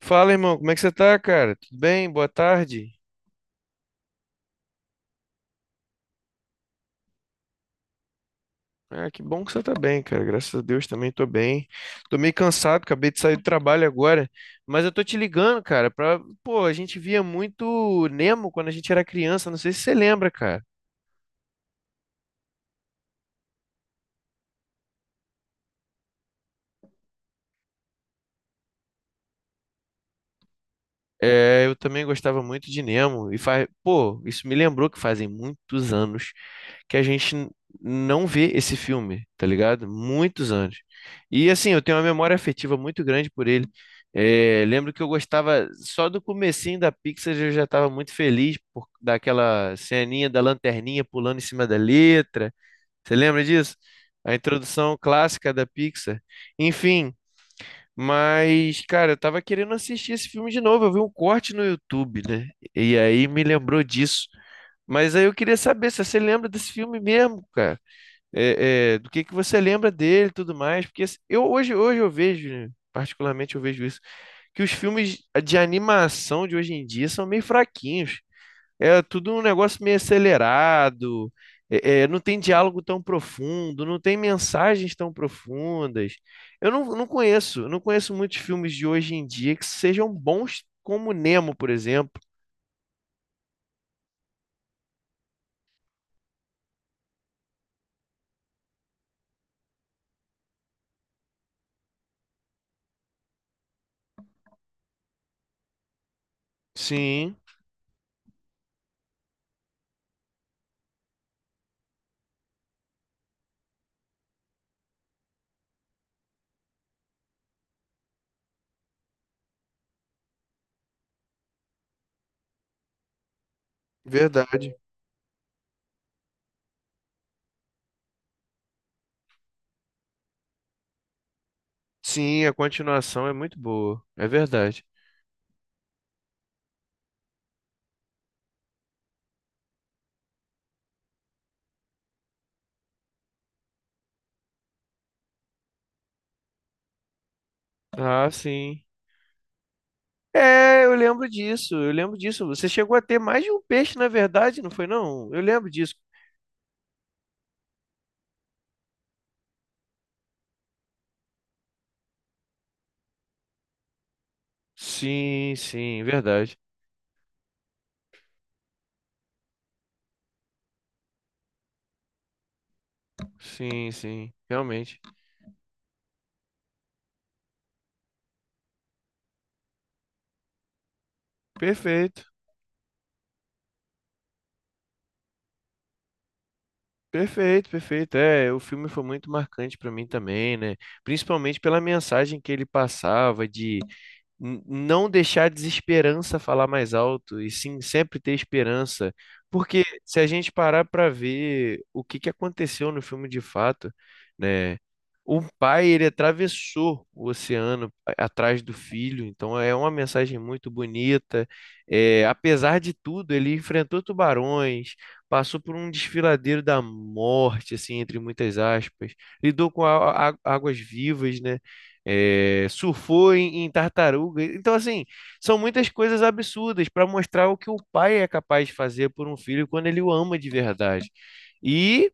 Fala, irmão, como é que você tá, cara? Tudo bem? Boa tarde. Ah, que bom que você tá bem, cara. Graças a Deus também tô bem. Tô meio cansado, acabei de sair do trabalho agora, mas eu tô te ligando, cara, pra... Pô, a gente via muito Nemo quando a gente era criança, não sei se você lembra, cara. É, eu também gostava muito de Nemo e faz, pô, isso me lembrou que fazem muitos anos que não vê esse filme, tá ligado? Muitos anos. E assim, eu tenho uma memória afetiva muito grande por ele. É, lembro que eu gostava só do comecinho da Pixar, eu já estava muito feliz por daquela ceninha da lanterninha pulando em cima da letra. Você lembra disso? A introdução clássica da Pixar. Enfim, mas, cara, eu tava querendo assistir esse filme de novo. Eu vi um corte no YouTube, né? E aí me lembrou disso. Mas aí eu queria saber se você lembra desse filme mesmo, cara. Do que você lembra dele e tudo mais? Porque assim, eu hoje eu vejo, né, particularmente eu vejo isso, que os filmes de animação de hoje em dia são meio fraquinhos. É tudo um negócio meio acelerado, não tem diálogo tão profundo, não tem mensagens tão profundas. Eu não, Não conheço, não conheço muitos filmes de hoje em dia que sejam bons como Nemo, por exemplo. Sim, verdade. Sim, a continuação é muito boa, é verdade. Ah, sim. Eu lembro disso, eu lembro disso. Você chegou a ter mais de um peixe, na verdade, não foi não? Eu lembro disso. Sim, sim, verdade. Sim, sim, realmente. Perfeito, perfeito, perfeito. É, o filme foi muito marcante para mim também, né? Principalmente pela mensagem que ele passava de não deixar a desesperança falar mais alto, e sim sempre ter esperança. Porque se a gente parar para ver o que que aconteceu no filme de fato, né? O pai, ele atravessou o oceano atrás do filho, então é uma mensagem muito bonita. É, apesar de tudo, ele enfrentou tubarões, passou por um desfiladeiro da morte, assim, entre muitas aspas, lidou com águas vivas, né? Surfou em, em tartaruga. Então, assim, são muitas coisas absurdas para mostrar o que o pai é capaz de fazer por um filho quando ele o ama de verdade. E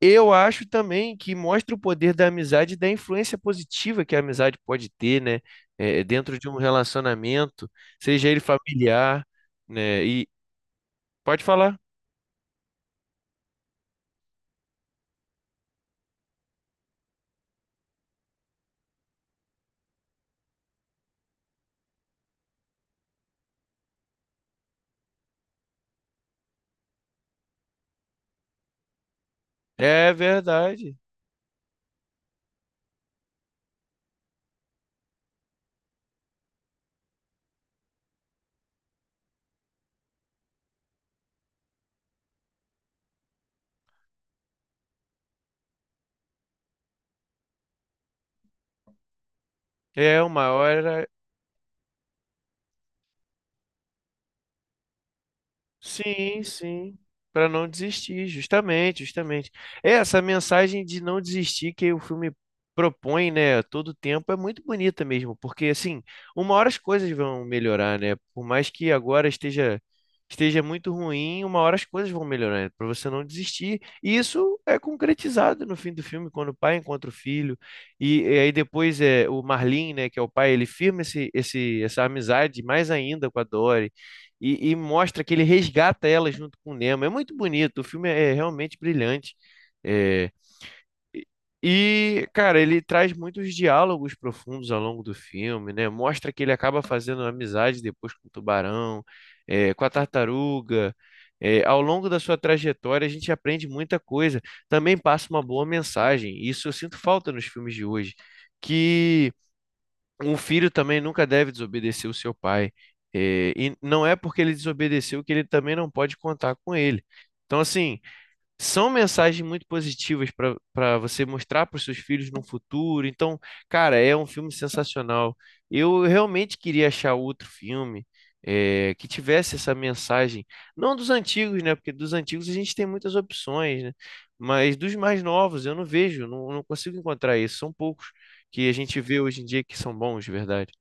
eu acho também que mostra o poder da amizade e da influência positiva que a amizade pode ter, né? Dentro de um relacionamento, seja ele familiar, né? E pode falar. É verdade. É uma hora. Sim, sim. Para não desistir, justamente, justamente. É, essa mensagem de não desistir que o filme propõe, né, a todo tempo é muito bonita mesmo, porque assim, uma hora as coisas vão melhorar, né? Por mais que agora esteja muito ruim, uma hora as coisas vão melhorar, para você não desistir. E isso é concretizado no fim do filme, quando o pai encontra o filho e aí depois é o Marlin, né, que é o pai, ele firma esse, esse essa amizade mais ainda com a Dory e mostra que ele resgata ela junto com o Nemo. É muito bonito, o filme é realmente brilhante. É, e, cara, ele traz muitos diálogos profundos ao longo do filme, né? Mostra que ele acaba fazendo amizade depois com o tubarão, com a tartaruga. É, ao longo da sua trajetória, a gente aprende muita coisa. Também passa uma boa mensagem. Isso eu sinto falta nos filmes de hoje, que um filho também nunca deve desobedecer o seu pai. E não é porque ele desobedeceu que ele também não pode contar com ele. Então, assim, são mensagens muito positivas para você mostrar para os seus filhos no futuro. Então, cara, é um filme sensacional. Eu realmente queria achar outro filme que tivesse essa mensagem, não dos antigos, né? Porque dos antigos a gente tem muitas opções, né? Mas dos mais novos eu não vejo, não consigo encontrar isso. São poucos que a gente vê hoje em dia que são bons de verdade.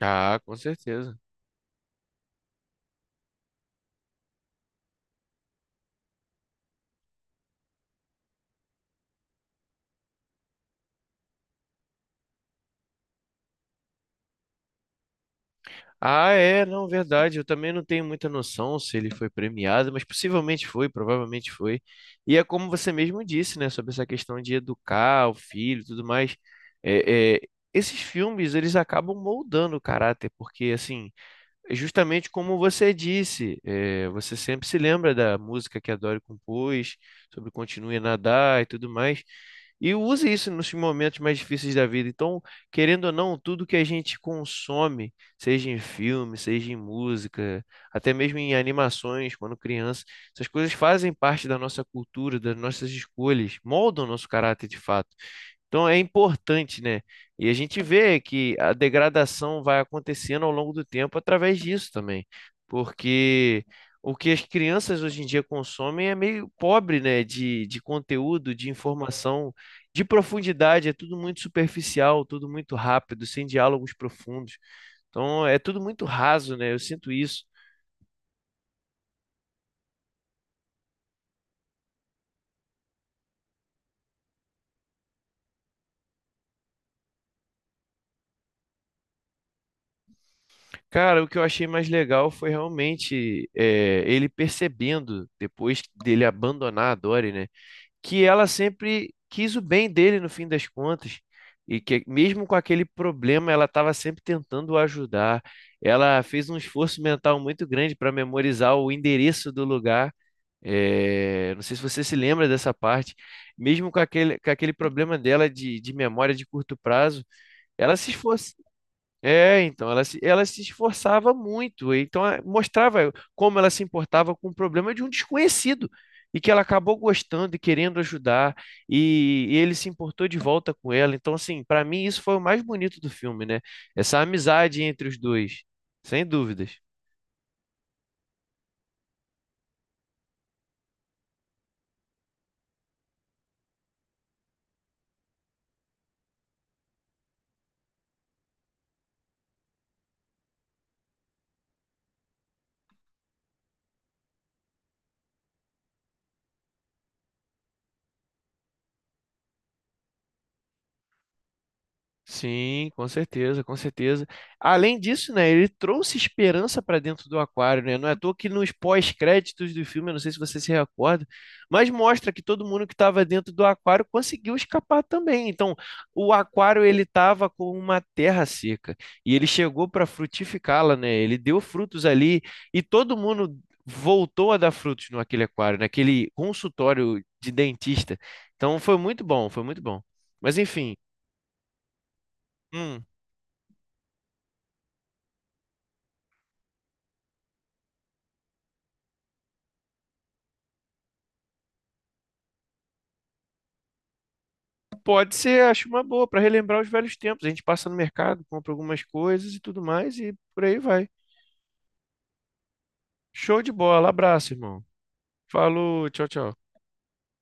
Ah, com certeza. Ah, é, não, verdade. Eu também não tenho muita noção se ele foi premiado, mas possivelmente foi, provavelmente foi. E é como você mesmo disse, né, sobre essa questão de educar o filho e tudo mais. É, é, esses filmes, eles acabam moldando o caráter, porque, assim, é justamente como você disse, você sempre se lembra da música que a Dory compôs, sobre continue a nadar e tudo mais, e use isso nos momentos mais difíceis da vida. Então, querendo ou não, tudo que a gente consome, seja em filme, seja em música, até mesmo em animações, quando criança, essas coisas fazem parte da nossa cultura, das nossas escolhas, moldam o nosso caráter de fato. Então é importante, né? E a gente vê que a degradação vai acontecendo ao longo do tempo através disso também, porque o que as crianças hoje em dia consomem é meio pobre, né? De conteúdo, de informação, de profundidade, é tudo muito superficial, tudo muito rápido, sem diálogos profundos. Então é tudo muito raso, né? Eu sinto isso. Cara, o que eu achei mais legal foi realmente ele percebendo, depois dele abandonar a Dory, né? Que ela sempre quis o bem dele no fim das contas. E que mesmo com aquele problema, ela estava sempre tentando o ajudar. Ela fez um esforço mental muito grande para memorizar o endereço do lugar. É, não sei se você se lembra dessa parte. Mesmo com aquele problema dela de memória de curto prazo, ela se esfor- é, então, ela se esforçava muito, então mostrava como ela se importava com o problema de um desconhecido, e que ela acabou gostando e querendo ajudar, e ele se importou de volta com ela. Então, assim, para mim isso foi o mais bonito do filme, né? Essa amizade entre os dois, sem dúvidas. Sim, com certeza, com certeza. Além disso, né, ele trouxe esperança para dentro do aquário, né? Não é à toa que nos pós-créditos do filme, eu não sei se você se recorda, mas mostra que todo mundo que estava dentro do aquário conseguiu escapar também. Então, o aquário ele estava com uma terra seca e ele chegou para frutificá-la, né? Ele deu frutos ali e todo mundo voltou a dar frutos no aquele aquário, naquele consultório de dentista. Então, foi muito bom, foi muito bom. Mas enfim, hum. Pode ser, acho uma boa, para relembrar os velhos tempos. A gente passa no mercado, compra algumas coisas e tudo mais, e por aí vai. Show de bola, abraço, irmão. Falou, tchau, tchau.